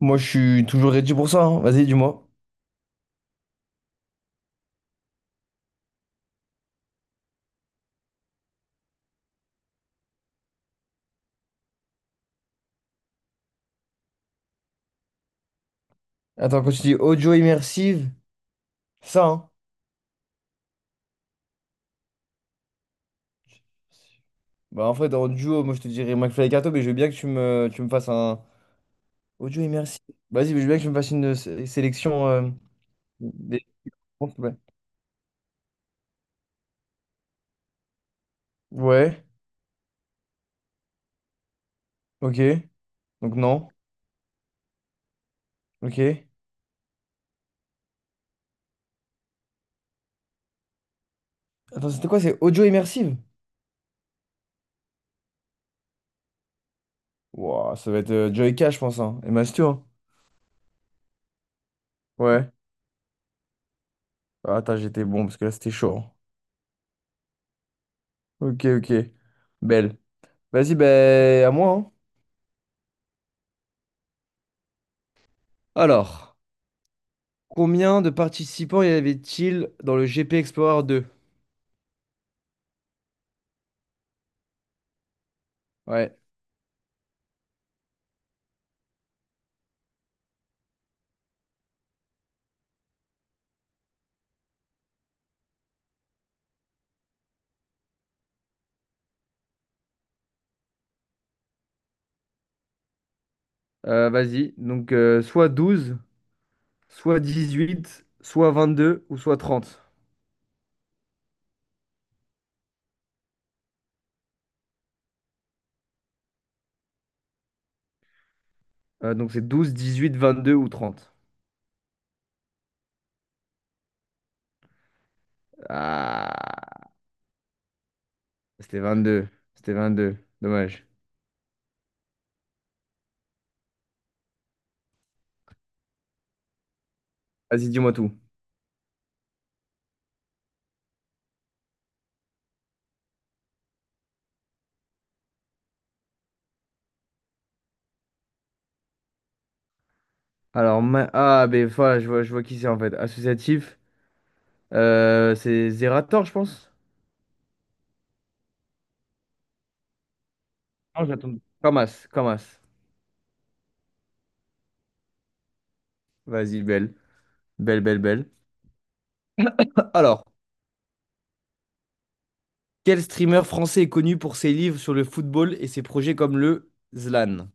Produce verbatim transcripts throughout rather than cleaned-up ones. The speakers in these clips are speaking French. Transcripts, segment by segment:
Moi, je suis toujours ready pour ça, hein. Vas-y, dis-moi. Attends, quand tu dis audio immersive, c'est ça, hein. Bah, en fait, en duo, moi, je te dirais McFly et Carto, mais je veux bien que tu me, tu me fasses un audio immersive. Vas-y, mais je veux bien que tu me fasses une sé- sélection euh, des réponses, ouais. Ouais, ok. Donc, non. Ok. Attends, c'était quoi? C'est audio immersive? Wouah, ça va être euh, Joy Cash, je pense, hein. Et Mastu, hein. Ouais. Ah, attends, j'étais bon, parce que là, c'était chaud, hein. Ok, ok. Belle. Vas-y, ben, à moi, hein. Alors. Combien de participants y avait-il dans le G P Explorer deux? Ouais. Euh, vas-y. Donc, euh, soit douze, soit dix-huit, soit vingt-deux ou soit trente. Euh, donc, c'est douze, dix-huit, vingt-deux ou trente. Ah, c'était vingt-deux. C'était vingt-deux. Dommage. Vas-y, dis-moi tout. Alors, ma- ah, ben, voilà, je vois, je vois qui c'est en fait. Associatif. Euh, c'est Zerator, je pense. Non, j'attends. Kamas, Kamas. Vas-y, belle. Belle, belle, belle. Alors, quel streamer français est connu pour ses livres sur le football et ses projets comme le ZLAN?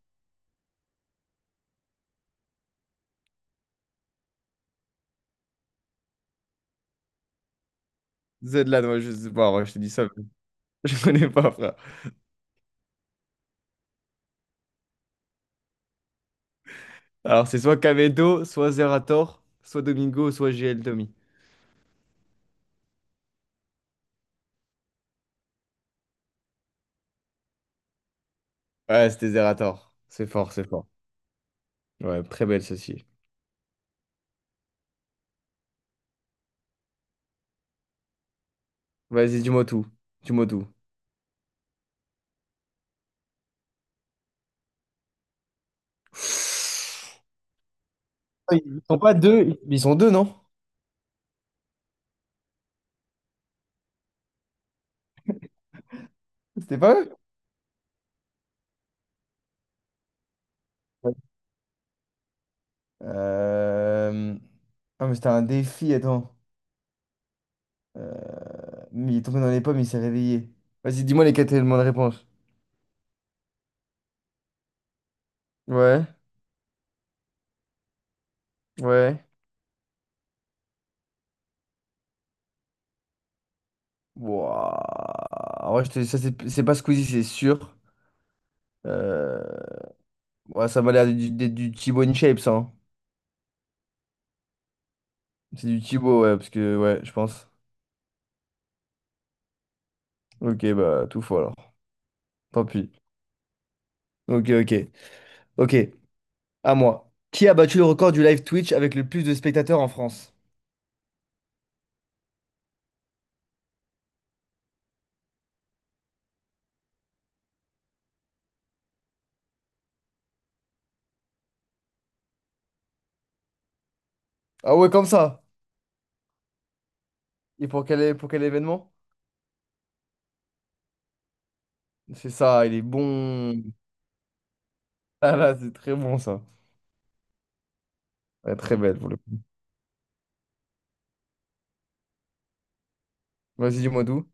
ZLAN, ouais, je sais pas, ouais, je te dis ça, mais je connais pas, frère. Alors, c'est soit Kamedo, soit Zerator, soit Domingo, soit G L Tommy. Ouais, c'était Zerator. C'est fort, c'est fort. Ouais, très belle ceci. Vas-y, dis-moi tout. Dis-moi tout. Ils sont pas deux, ils sont deux, non? C'était pas eux? Ouais. Euh, Ah, mais c'était un défi, attends. Euh, Mais il est tombé dans les pommes, il s'est réveillé. Vas-y, dis-moi les quatre éléments de réponse. Ouais, ouais. Wouah. Ouais, je te- ça, c'est c'est pas Squeezie, c'est sûr. Euh, Ouais, ça m'a l'air du, du, du Thibaut InShape, ça, hein. C'est du Thibaut, ouais, parce que, ouais, je pense. Ok, bah, tout faux alors. Tant pis. Ok, ok. Ok, à moi. Qui a battu le record du live Twitch avec le plus de spectateurs en France? Ah ouais, comme ça. Et pour quel, é- pour quel événement? C'est ça, il est bon. Ah là, c'est très bon, ça. Ouais, très belle pour le. Vas-y, dis-moi d'où.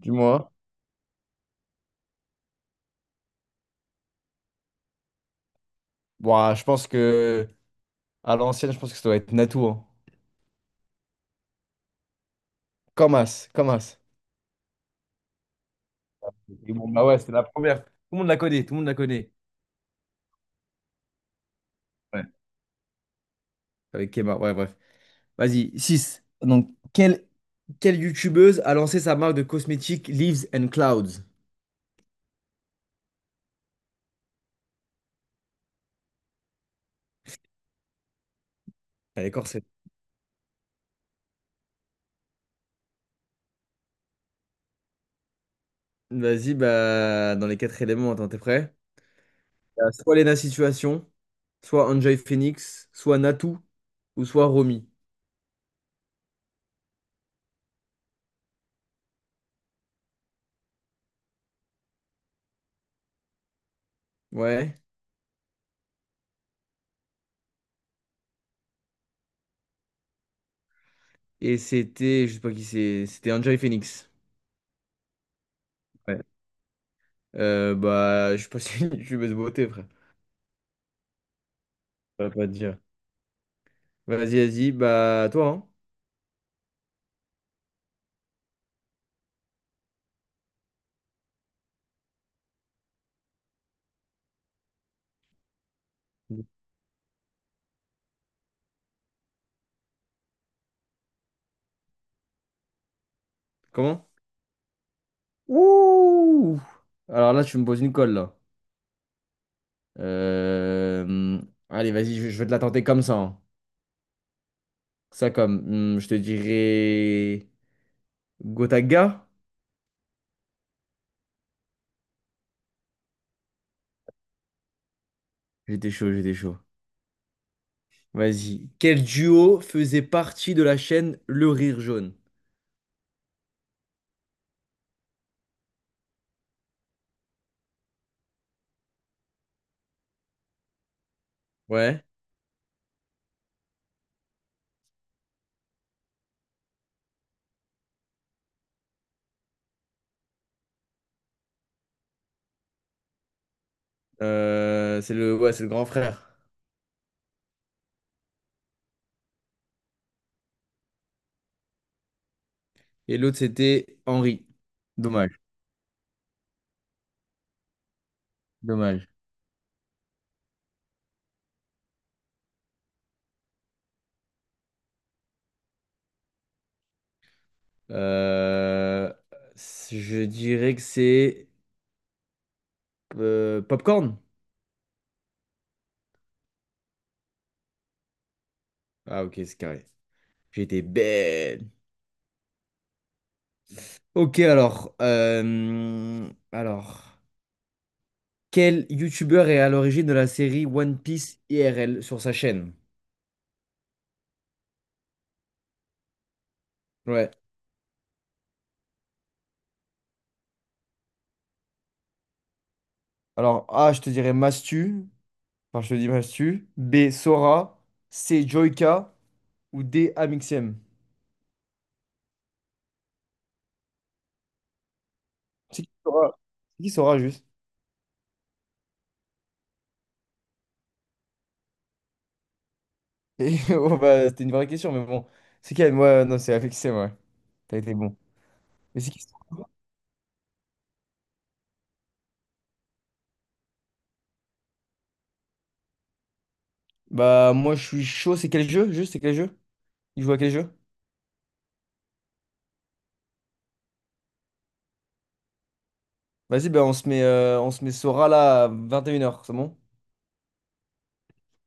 Dis-moi. Bon, je pense que à l'ancienne, je pense que ça doit être Natou, hein. Comme As, comme As. Et bon, bah ouais, c'est la première. Tout le monde la connaît, tout le monde la connaît. Ouais. Avec Kema, ouais, bref. Vas-y, six donc, quelle, quelle youtubeuse a lancé sa marque de cosmétiques Leaves and Clouds? Elle est corsée. Vas-y, bah, dans les quatre éléments, attends, t'es prêt? Euh, Soit Lena Situation, soit Enjoy Phoenix, soit Natou, ou soit Romy. Ouais. Et c'était, je sais pas qui c'est, c'était Enjoy Phoenix. Euh, bah, je suis pas si passe une jumeuse beauté, frère. Ça va pas te dire. Vas-y, vas-y. Bah, toi, hein? Comment? Ouh! Alors là, tu me poses une colle, là. Euh, Allez, vas-y, je, je vais te la tenter comme ça, hein. Ça, comme. hum, je te dirais. Gotaga? J'étais chaud, j'étais chaud. Vas-y. Quel duo faisait partie de la chaîne Le Rire Jaune? Ouais. Euh, c'est le... ouais, c'est le grand frère. Et l'autre, c'était Henri. Dommage, dommage. Euh, je dirais que c'est euh, Popcorn. Ah ok, c'est carré. J'étais bête. Ok, alors, euh, alors, quel youtubeur est à l'origine de la série One Piece I R L sur sa chaîne? Ouais. Alors A, je te dirais Mastu. Enfin, je te dis Mastu. B, Sora. C, Joyka. Ou D, Amixem. C'est qui Sora? C'est qui Sora juste? Et bon, bah, c'était une vraie question, mais bon. C'est quelle? Moi, non, c'est Alexem, ouais. T'as été bon. Mais c'est qui. Bah, moi, je suis chaud. C'est quel jeu? Juste, c'est quel jeu? Il joue à quel jeu? Vas-y, bah, on se met, euh, on se met Sora là à vingt et une heures, c'est bon?